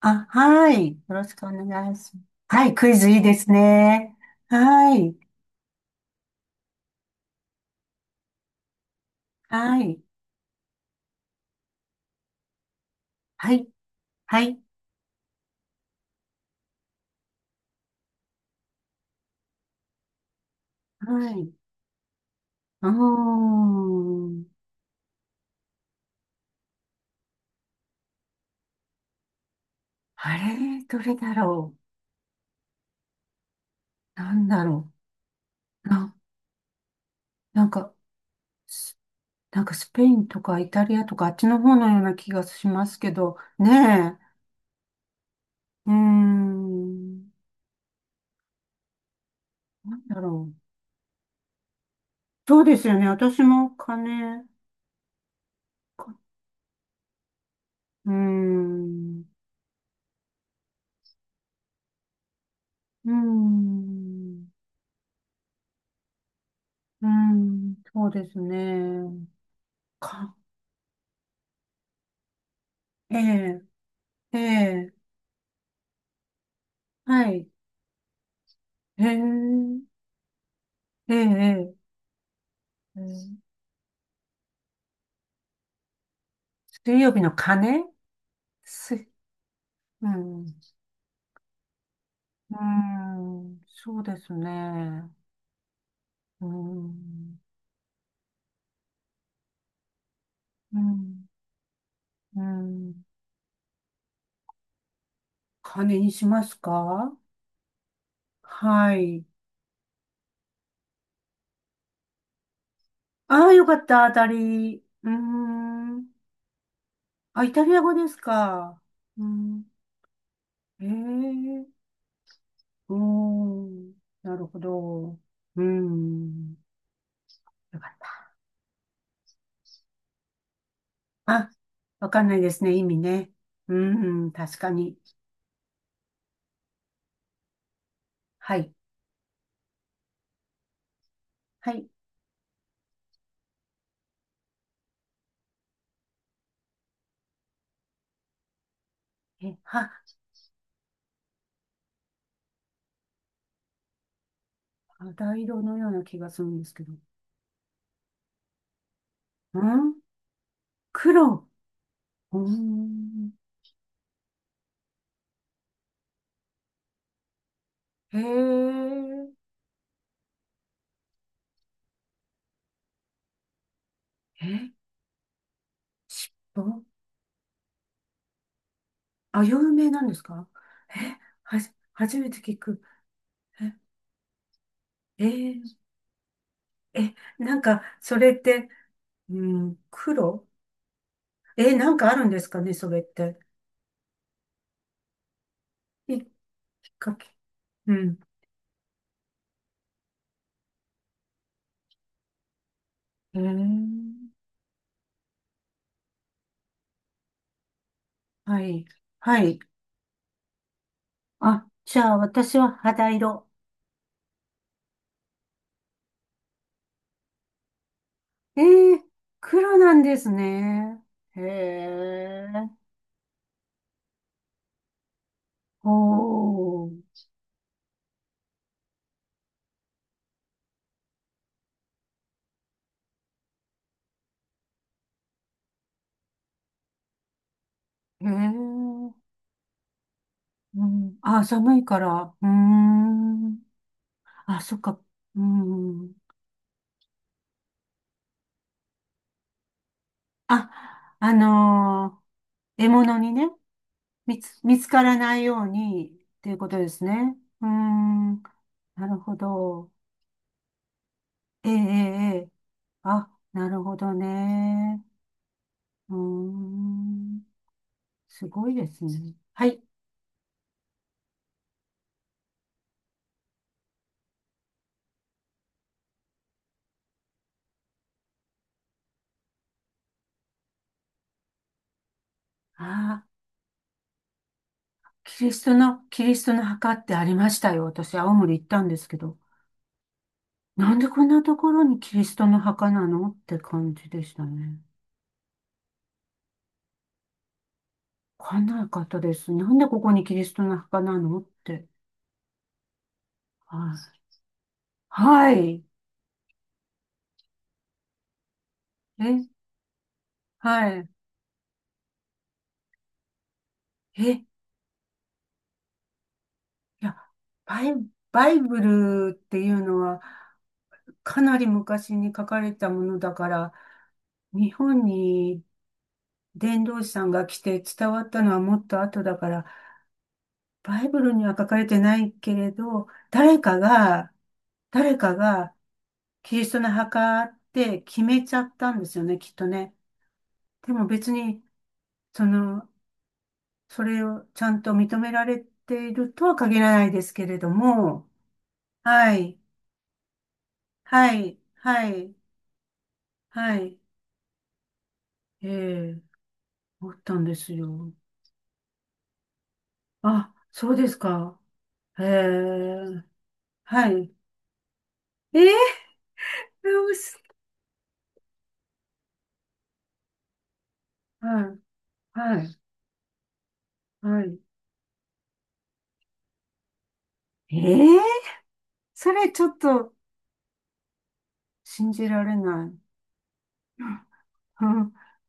あ、はい。よろしくお願いします。はい、クイズいいですね。はい、はい、はい、はい、はい。うーん。あれ、どれだろう。なんだろう。なんか、スなんかスペインとかイタリアとかあっちの方のような気がしますけど、ねえ。うーん。なんだろう。そうですよね。私も金、かうーん。うーん。うーん、そうですね。か、ええ、ええ、はい。ええ、ええ、ええ、うん、水曜日の鐘。す、うん、うーん、そうですね。うーん、うん、うん。鐘にしますか？はい。ああ、よかった、当たり。うーん。あ、イタリア語ですか？うん、ええ、うーん。なるほど。うーん。よかった。あ、わかんないですね。意味ね。うーん。確かに。はい。はい。え、は、肌色のような気がするんですけど。うん、黒。うーん。へえ。え、尻尾。あ、有名なんですか？え、はじ、初めて聞く。え、えーえ、なんか、それって、うん、黒、なんかあるんですかね、それって。いっかけ。うん。へえ。はい。はい。あ、じゃあ私は肌色。ええ、黒なんですね。へえ。おー。へえ。うん。あ、寒いから。うーん。あ、そっか。うーん。あ、あのー獲物にね、見つからないようにっていうことですね。うーん。なるほど。ええ、ええ、ええ、あ、なるほどね。うーん、すごいですね。はい。ああ、キリストの墓ってありましたよ。私、青森行ったんですけど。なんでこんなところにキリストの墓なのって感じでしたね。わかんなかったです。なんでここにキリストの墓なのって。はい。はい。え、はい。え、いや、バイ、バイブルっていうのは、かなり昔に書かれたものだから、日本に伝道師さんが来て伝わったのはもっと後だから、バイブルには書かれてないけれど、誰かがキリストの墓って決めちゃったんですよね、きっとね。でも別に、その、それをちゃんと認められているとは限らないですけれども、はい、はい、はい、はい、ええ、思ったんですよ。あ、そうですか。へえ、はい。えー、おし、はい、はい、はい。えー、それちょっと信じられない。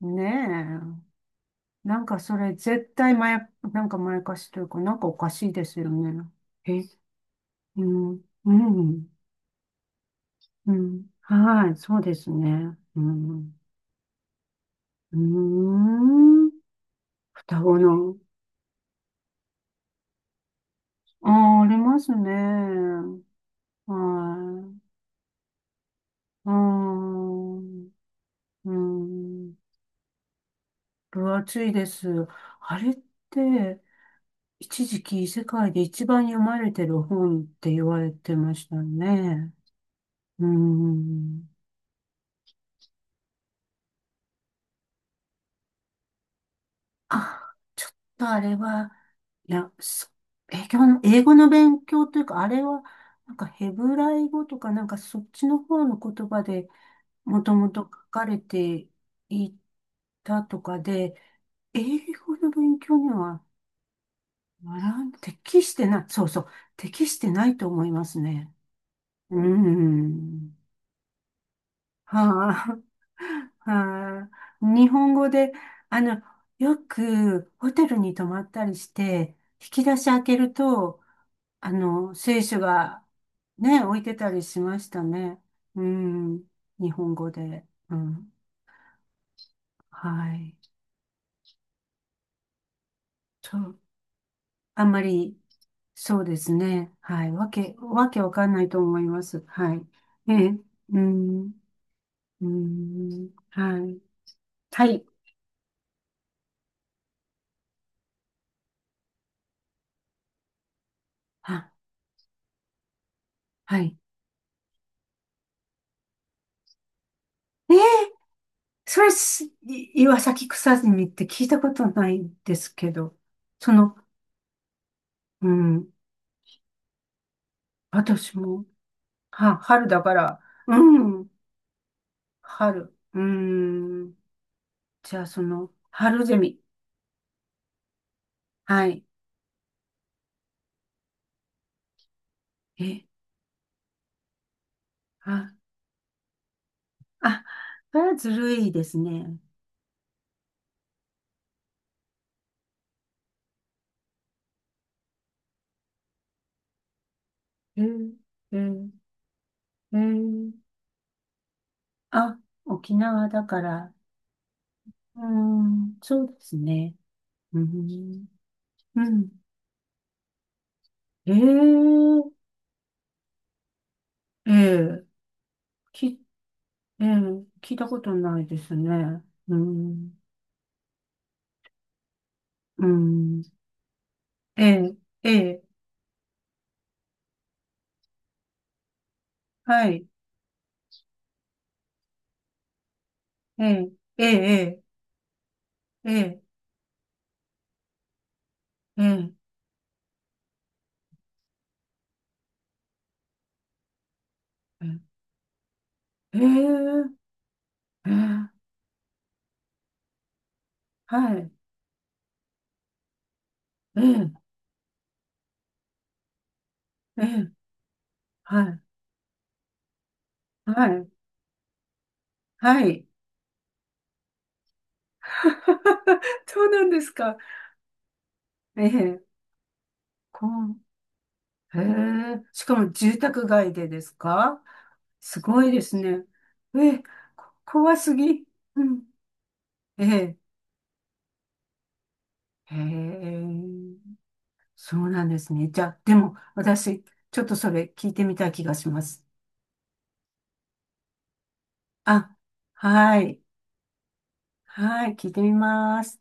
うん、ねえ。なんかそれ絶対なんかまやかしというか、なんかおかしいですよね。え、うん、うん、うん。はい、そうですね。うん、うーん。双子の、ああ、ありますね。はい、うん、うん。分厚いです。あれって、一時期世界で一番読まれてる本って言われてましたね。うーん。あ、ちょっとあれは、いや、英語の勉強というか、あれは、なんかヘブライ語とか、なんかそっちの方の言葉でもともと書かれていたとかで、英語の勉強には、学適してない、そうそう、適してないと思いますね。うん。はあ。はあ。日本語で、あの、よくホテルに泊まったりして、引き出し開けると、聖書がね、置いてたりしましたね。うん。日本語で。うん。はい。そう。あんまり、そうですね。はい。わけわかんないと思います。はい。ええ。うん。うん。はい。はい。あ、はい。ねえー、それす、い岩崎草さみって聞いたことないんですけど、その、うん、私も、春だから、うん、春、うん、じゃあ春ゼミ、はい、え、あ、あ、それはずるいですね。えー、えー、えー、あ、沖縄だから、うん、そうですね。うん、うん、えー、えー、聞ええ、聞いたことないですね。うん、うん、ええ、ええ、はい、ええ、ええ、ええ、ええ、ええ、ええ、ええ、はい、ええ、ええ、はい、はい、はい。そうなんですか。ええ、こん、ええ、しかも住宅街でですか？すごいですね。ええ、怖すぎ。うん、ええ、ええ。そうなんですね。じゃあ、でも、私、ちょっとそれ聞いてみたい気がします。あ、はい。はい、聞いてみます。